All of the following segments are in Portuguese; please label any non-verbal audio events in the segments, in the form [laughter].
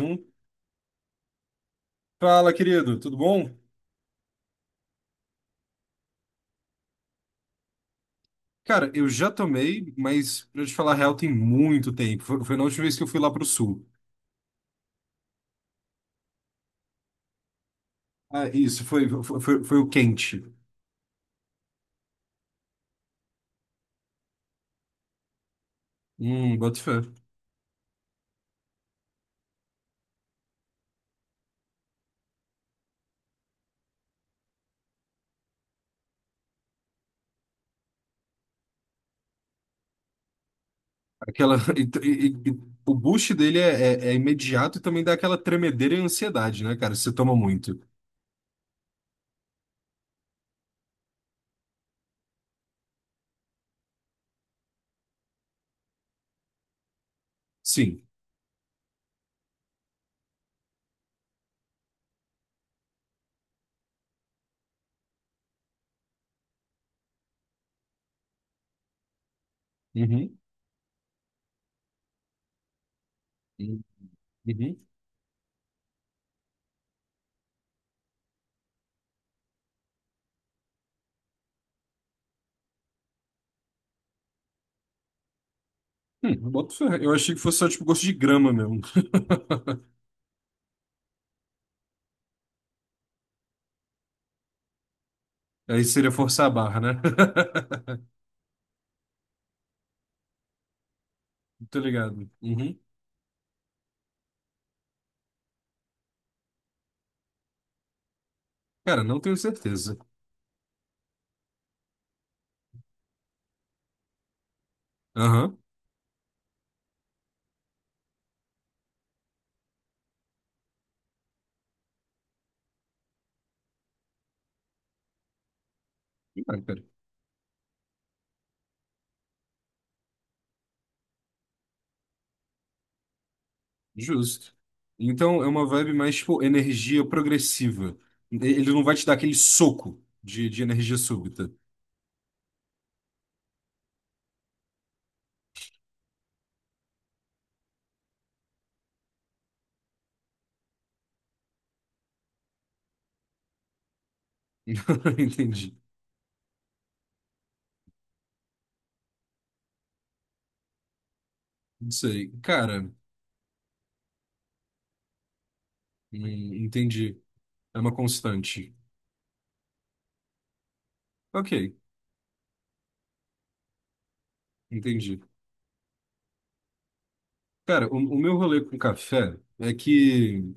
Um. Fala, querido, tudo bom? Cara, eu já tomei, mas pra te falar a real, tem muito tempo. Foi na última vez que eu fui lá pro sul. Ah, isso, foi o quente. Boto fé. Aquela, [laughs] o boost dele é imediato e também dá aquela tremedeira e ansiedade, né, cara? Você toma muito. Sim. Uhum. Uhum. Uhum. Boto fé. Eu achei que fosse só, tipo, gosto de grama mesmo. [laughs] Aí seria forçar a barra, né? [laughs] Tô ligado. Uhum. Cara, não tenho certeza. Aham. Ah, cara, justo. Então é uma vibe mais, tipo, energia progressiva. Ele não vai te dar aquele soco de energia súbita. [laughs] Entendi. Não sei. Cara, entendi. É uma constante. Ok, entendi. Cara, o meu rolê com café é que.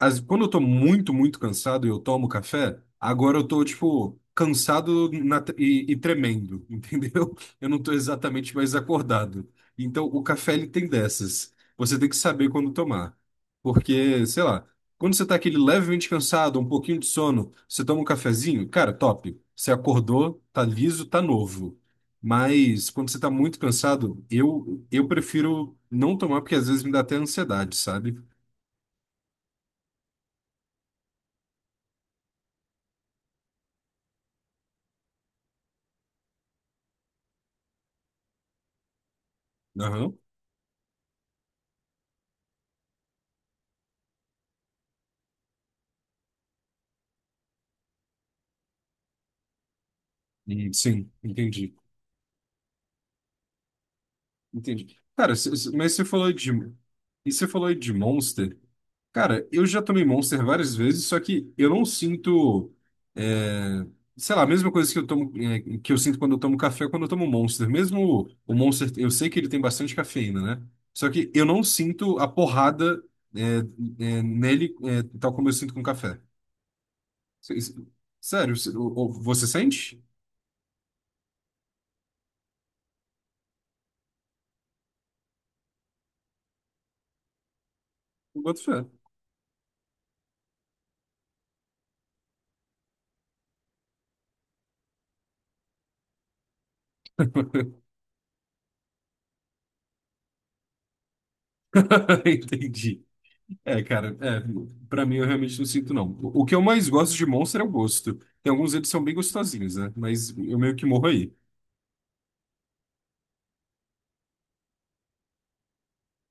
Quando eu tô muito cansado e eu tomo café, agora eu tô, tipo, e tremendo, [laughs] entendeu? Eu não tô exatamente mais acordado. Então, o café, ele tem dessas. Você tem que saber quando tomar. Porque, sei lá, quando você tá aquele levemente cansado, um pouquinho de sono, você toma um cafezinho, cara, top. Você acordou, tá liso, tá novo. Mas quando você tá muito cansado, eu prefiro não tomar, porque às vezes me dá até ansiedade, sabe? Aham. Sim, entendi. Entendi. Cara, mas você falou de. E você falou de Monster. Cara, eu já tomei Monster várias vezes, só que eu não sinto. É, sei lá, a mesma coisa que eu tomo, é, que eu sinto quando eu tomo café, ou quando eu tomo Monster. Mesmo o Monster, eu sei que ele tem bastante cafeína, né? Só que eu não sinto a porrada, é, é, nele, é, tal como eu sinto com café. Se- se- Sério, você sente? Eu boto fé. [laughs] Entendi. É, cara, é, pra mim eu realmente não sinto, não. O que eu mais gosto de Monster é o gosto. Tem alguns eles são bem gostosinhos, né? Mas eu meio que morro aí.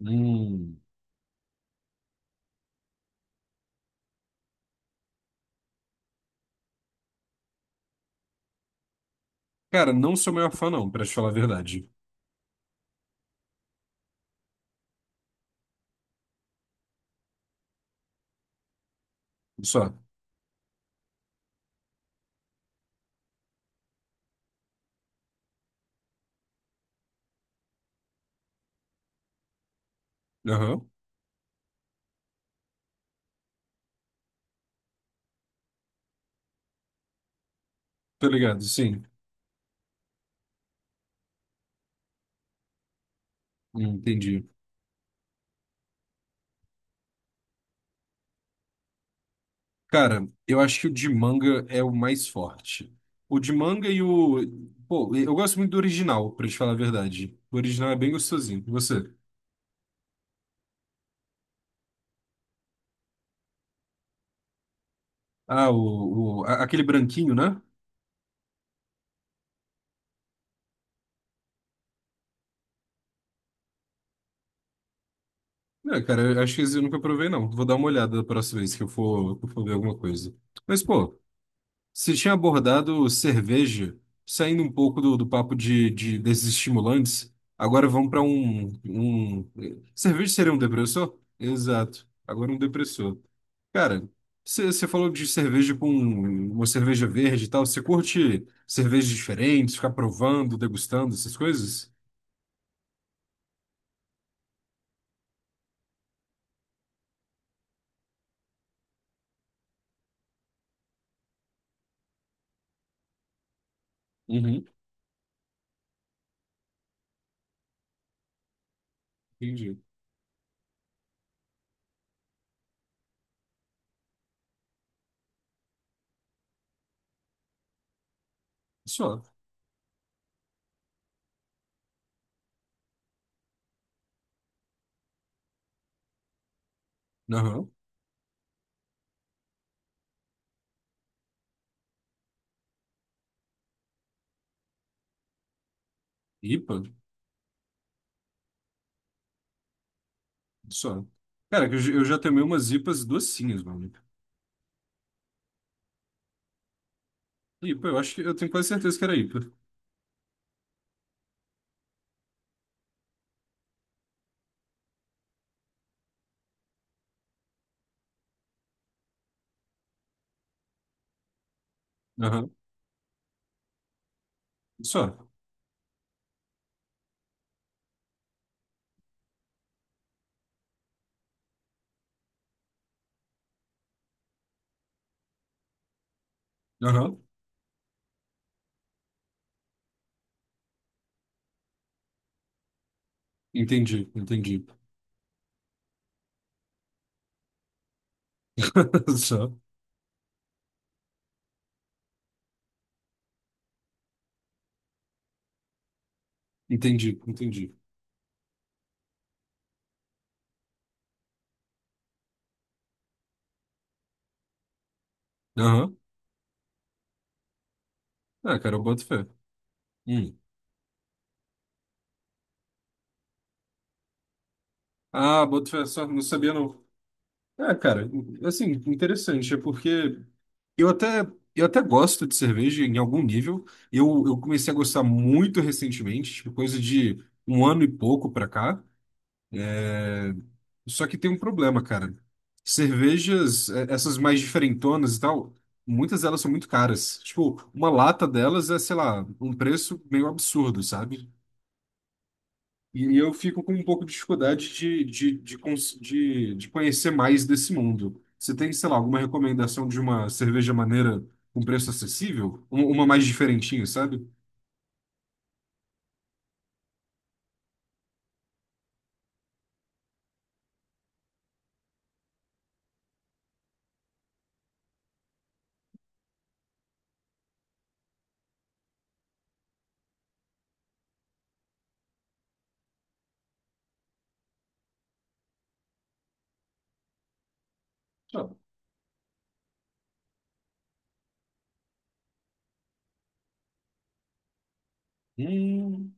Hum. Cara, não sou maior fã, não, pra te falar a verdade. Só. Aham. Tô ligado, sim. Entendi. Cara, eu acho que o de manga é o mais forte. O de manga e o. Pô, eu gosto muito do original, pra te falar a verdade. O original é bem gostosinho. E você? Ah, aquele branquinho, né? É, cara, eu acho que esse eu nunca provei, não. Vou dar uma olhada da próxima vez que eu for ver alguma coisa. Mas, pô, você tinha abordado cerveja, saindo um pouco do, do papo desses estimulantes, agora vamos para um, um. Cerveja seria um depressor? Exato. Agora um depressor. Cara, você falou de cerveja com uma cerveja verde e tal. Você curte cervejas diferentes, ficar provando, degustando essas coisas? Uhum, entendi. Só. Aham. IPA? Só. Cara, eu já tomei umas IPAs docinhas, mano. IPA, eu acho que eu tenho quase certeza que era IPA. Aham. Só. Aham. Entendi, entendi. [laughs] Só. Entendi, entendi. Aham. Ah, cara, eu boto fé. Hum. Ah, boto fé, só não sabia não. É, cara, assim, interessante, é porque eu até, eu até gosto de cerveja em algum nível. Eu comecei a gostar muito recentemente, tipo, coisa de um ano e pouco pra cá. É, só que tem um problema, cara. Cervejas, essas mais diferentonas e tal, muitas delas são muito caras. Tipo, uma lata delas é, sei lá, um preço meio absurdo, sabe? E eu fico com um pouco de dificuldade de conhecer mais desse mundo. Você tem, sei lá, alguma recomendação de uma cerveja maneira com preço acessível? Uma mais diferentinha, sabe? Ah, hum,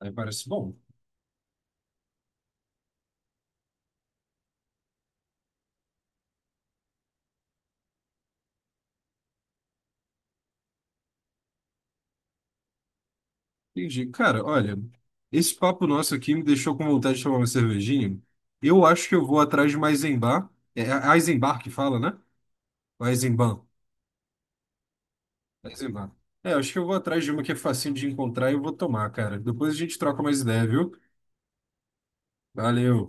aí parece bom. Entendi. Cara, olha, esse papo nosso aqui me deixou com vontade de tomar uma cervejinha. Eu acho que eu vou atrás de uma Eisenbahn. É é a Eisenbahn que fala, né? Ou é Eisenbahn. É Eisenbahn. É, acho que eu vou atrás de uma que é facinho de encontrar e eu vou tomar, cara. Depois a gente troca mais ideia, viu? Valeu.